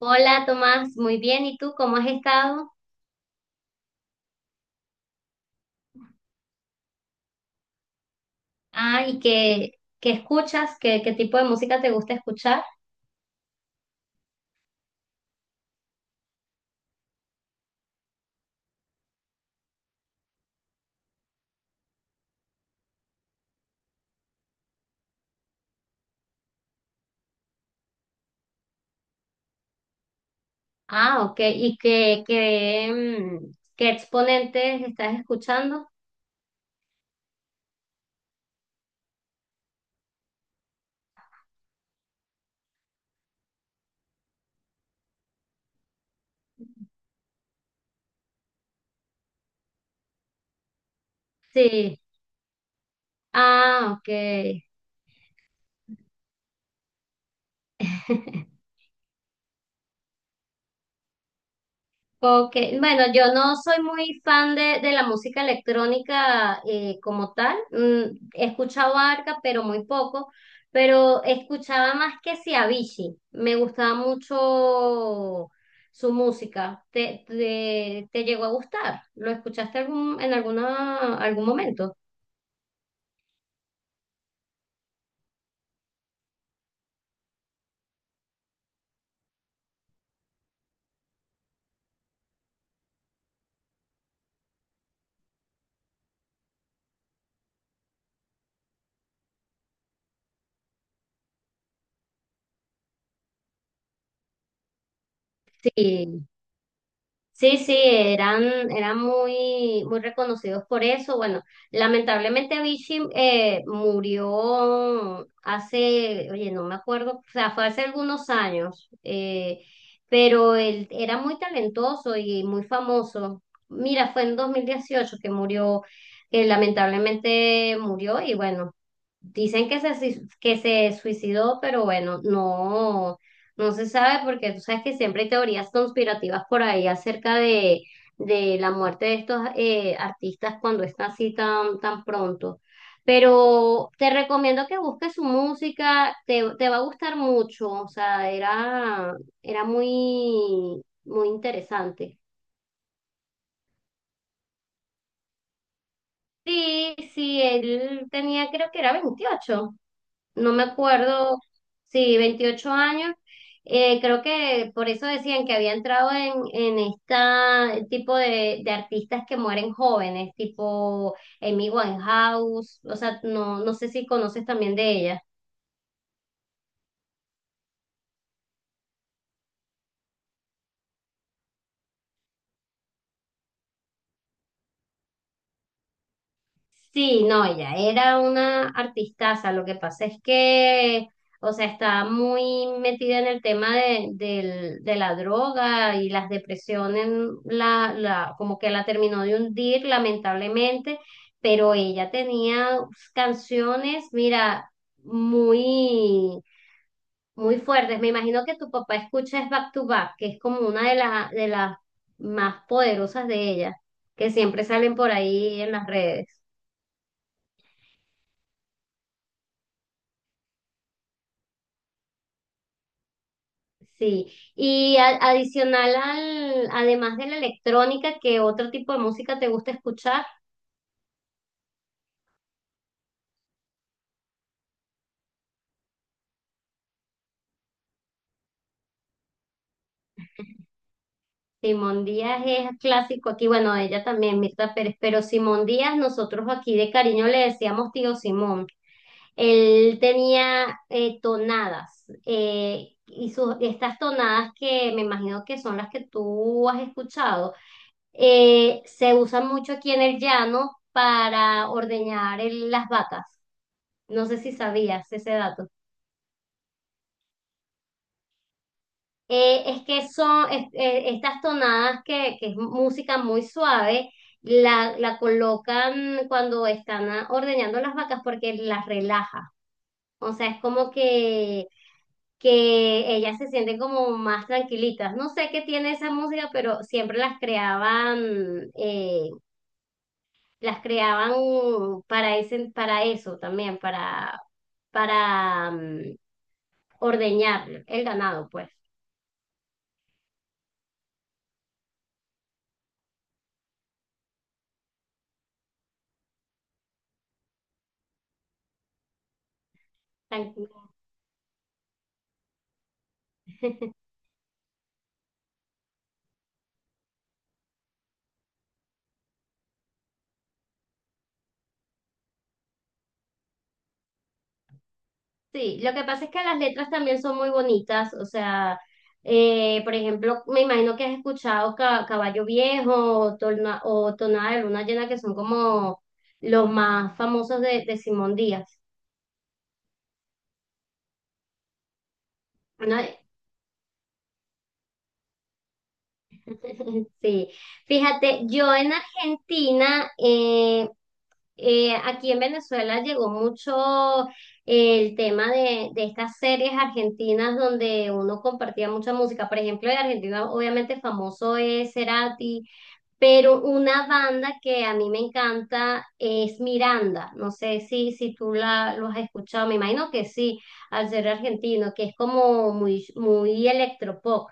Hola Tomás, muy bien. ¿Y tú cómo has estado? Ah, ¿y qué escuchas? ¿Qué tipo de música te gusta escuchar? Ah, ok. ¿Y qué exponentes estás escuchando? Sí. Ah, ok. Ok, bueno, yo no soy muy fan de la música electrónica como tal. Mm, he escuchado Arca, pero muy poco. Pero escuchaba más que si Avicii. Me gustaba mucho su música. ¿Te llegó a gustar? ¿Lo escuchaste algún momento? Sí. Sí, sí, eran muy reconocidos por eso. Bueno, lamentablemente Avicii murió hace, oye, no me acuerdo, o sea, fue hace algunos años, pero él era muy talentoso y muy famoso. Mira, fue en 2018 que murió, que lamentablemente murió y bueno, dicen que se, sui- que se suicidó, pero bueno, no. No se sabe porque tú sabes que siempre hay teorías conspirativas por ahí acerca de la muerte de estos artistas cuando está así tan pronto. Pero te recomiendo que busques su música, te va a gustar mucho, o sea, era muy interesante. Sí, sí, él tenía, creo que era 28, no me acuerdo, sí, 28 años. Creo que por eso decían que había entrado en este tipo de artistas que mueren jóvenes, tipo Amy Winehouse, o sea, no sé si conoces también de ella. Sí, no, ella era una artistaza. Lo que pasa es que, o sea, está muy metida en el tema de la droga y las depresiones, como que la terminó de hundir, lamentablemente, pero ella tenía canciones, mira, muy, muy fuertes. Me imagino que tu papá escucha es Back to Back, que es como una de de las más poderosas de ella, que siempre salen por ahí en las redes. Sí, y además de la electrónica, ¿qué otro tipo de música te gusta escuchar? Simón Díaz es clásico aquí, bueno, ella también, Mirta Pérez, pero Simón Díaz, nosotros aquí de cariño le decíamos tío Simón. Él tenía tonadas, y estas tonadas que me imagino que son las que tú has escuchado, se usan mucho aquí en el llano para las vacas. No sé si sabías ese dato. Es que son es- Estas tonadas que es música muy suave, la colocan cuando están ordeñando las vacas porque las relaja. O sea, que ellas se sienten como más tranquilitas. No sé qué tiene esa música, pero siempre las creaban, las creaban para para eso también, para ordeñar el ganado, pues. Tan- Sí, lo que pasa es que las letras también son muy bonitas, o sea, por ejemplo, me imagino que has escuchado Caballo Viejo o Tonada de Luna Llena, que son como los más famosos de Simón Díaz. Una- Sí, fíjate, yo en Argentina, aquí en Venezuela llegó mucho el tema de estas series argentinas donde uno compartía mucha música. Por ejemplo, en Argentina obviamente famoso es Cerati. Pero una banda que a mí me encanta es Miranda. No sé si tú lo has escuchado, me imagino que sí, al ser argentino, que es como muy electropop.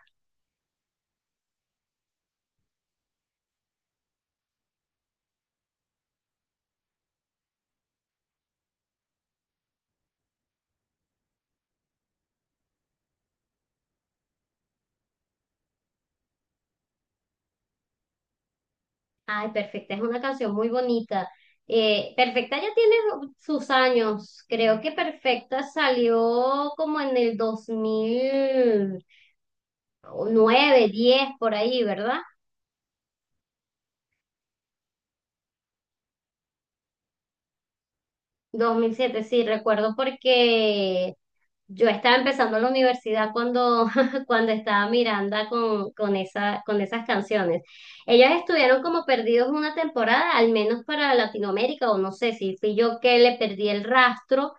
Ay, perfecta, es una canción muy bonita. Perfecta ya tiene sus años. Creo que Perfecta salió como en el 2000 nueve diez por ahí, ¿verdad? 2007 sí, recuerdo porque yo estaba empezando la universidad cuando, cuando estaba Miranda con esas canciones. Ellas estuvieron como perdidos una temporada, al menos para Latinoamérica, o no sé si fui yo que le perdí el rastro,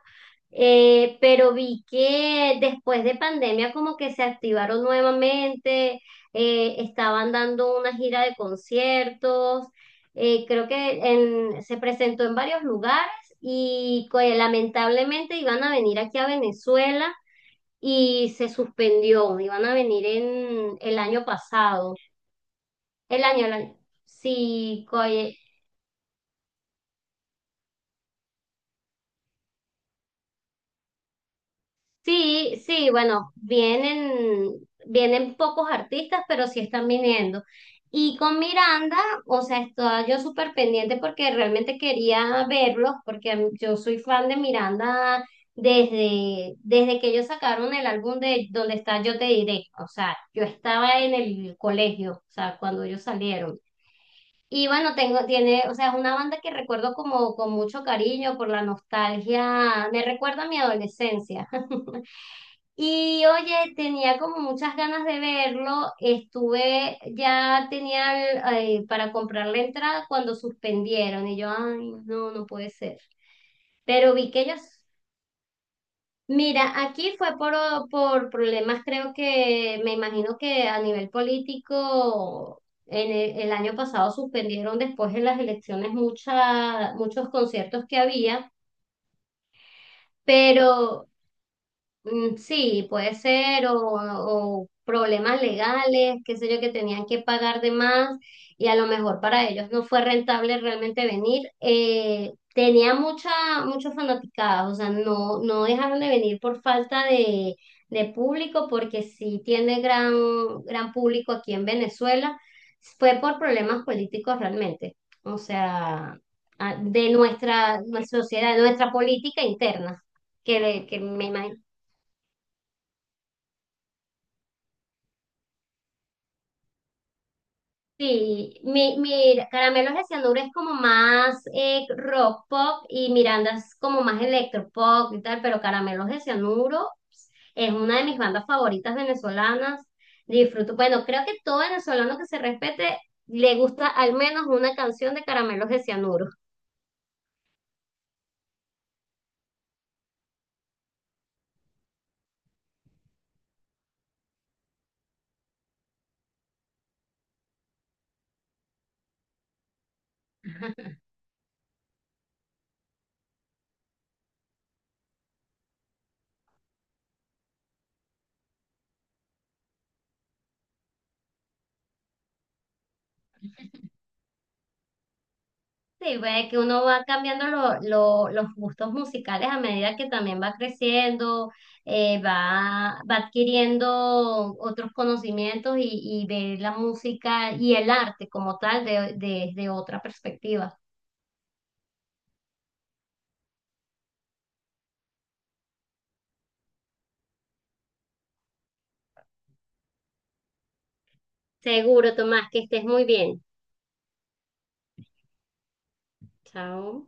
pero vi que después de pandemia como que se activaron nuevamente, estaban dando una gira de conciertos. Creo que se presentó en varios lugares y pues, lamentablemente iban a venir aquí a Venezuela y se suspendió, iban a venir en el año pasado, el año- sí, co- Sí, sí, bueno, vienen pocos artistas, pero sí están viniendo. Y con Miranda, o sea, estaba yo súper pendiente porque realmente quería verlos, yo soy fan de Miranda desde que ellos sacaron el álbum de Donde está Yo te diré. O sea, yo estaba en el colegio, o sea, cuando ellos salieron. Y bueno, o sea, es una banda que recuerdo como con mucho cariño por la nostalgia, me recuerda a mi adolescencia. Y oye, tenía como muchas ganas de verlo. Estuve, ya tenía para comprar la entrada cuando suspendieron y yo, ay, no, no puede ser. Pero vi que ellos, mira, aquí fue por problemas, creo que, me imagino que a nivel político, en el año pasado suspendieron después de las elecciones muchos conciertos que había. Pero mm, sí, puede ser, o problemas legales, qué sé yo, que tenían que pagar de más y a lo mejor para ellos no fue rentable realmente venir. Tenía mucha, muchos fanaticados, o sea, no dejaron de venir por falta de público, porque sí tiene gran público aquí en Venezuela. Fue por problemas políticos realmente, o sea, nuestra sociedad, de nuestra política interna que me imagino. Sí, mi Caramelos de Cianuro es como más rock pop y Miranda es como más electropop y tal, pero Caramelos de Cianuro es una de mis bandas favoritas venezolanas. Disfruto, bueno, creo que todo venezolano que se respete le gusta al menos una canción de Caramelos de Cianuro. Sí, ve que uno va cambiando los gustos musicales a medida que también va creciendo, va adquiriendo otros conocimientos y ve la música y el arte como tal desde otra perspectiva. Seguro, Tomás, que estés muy bien. Chao.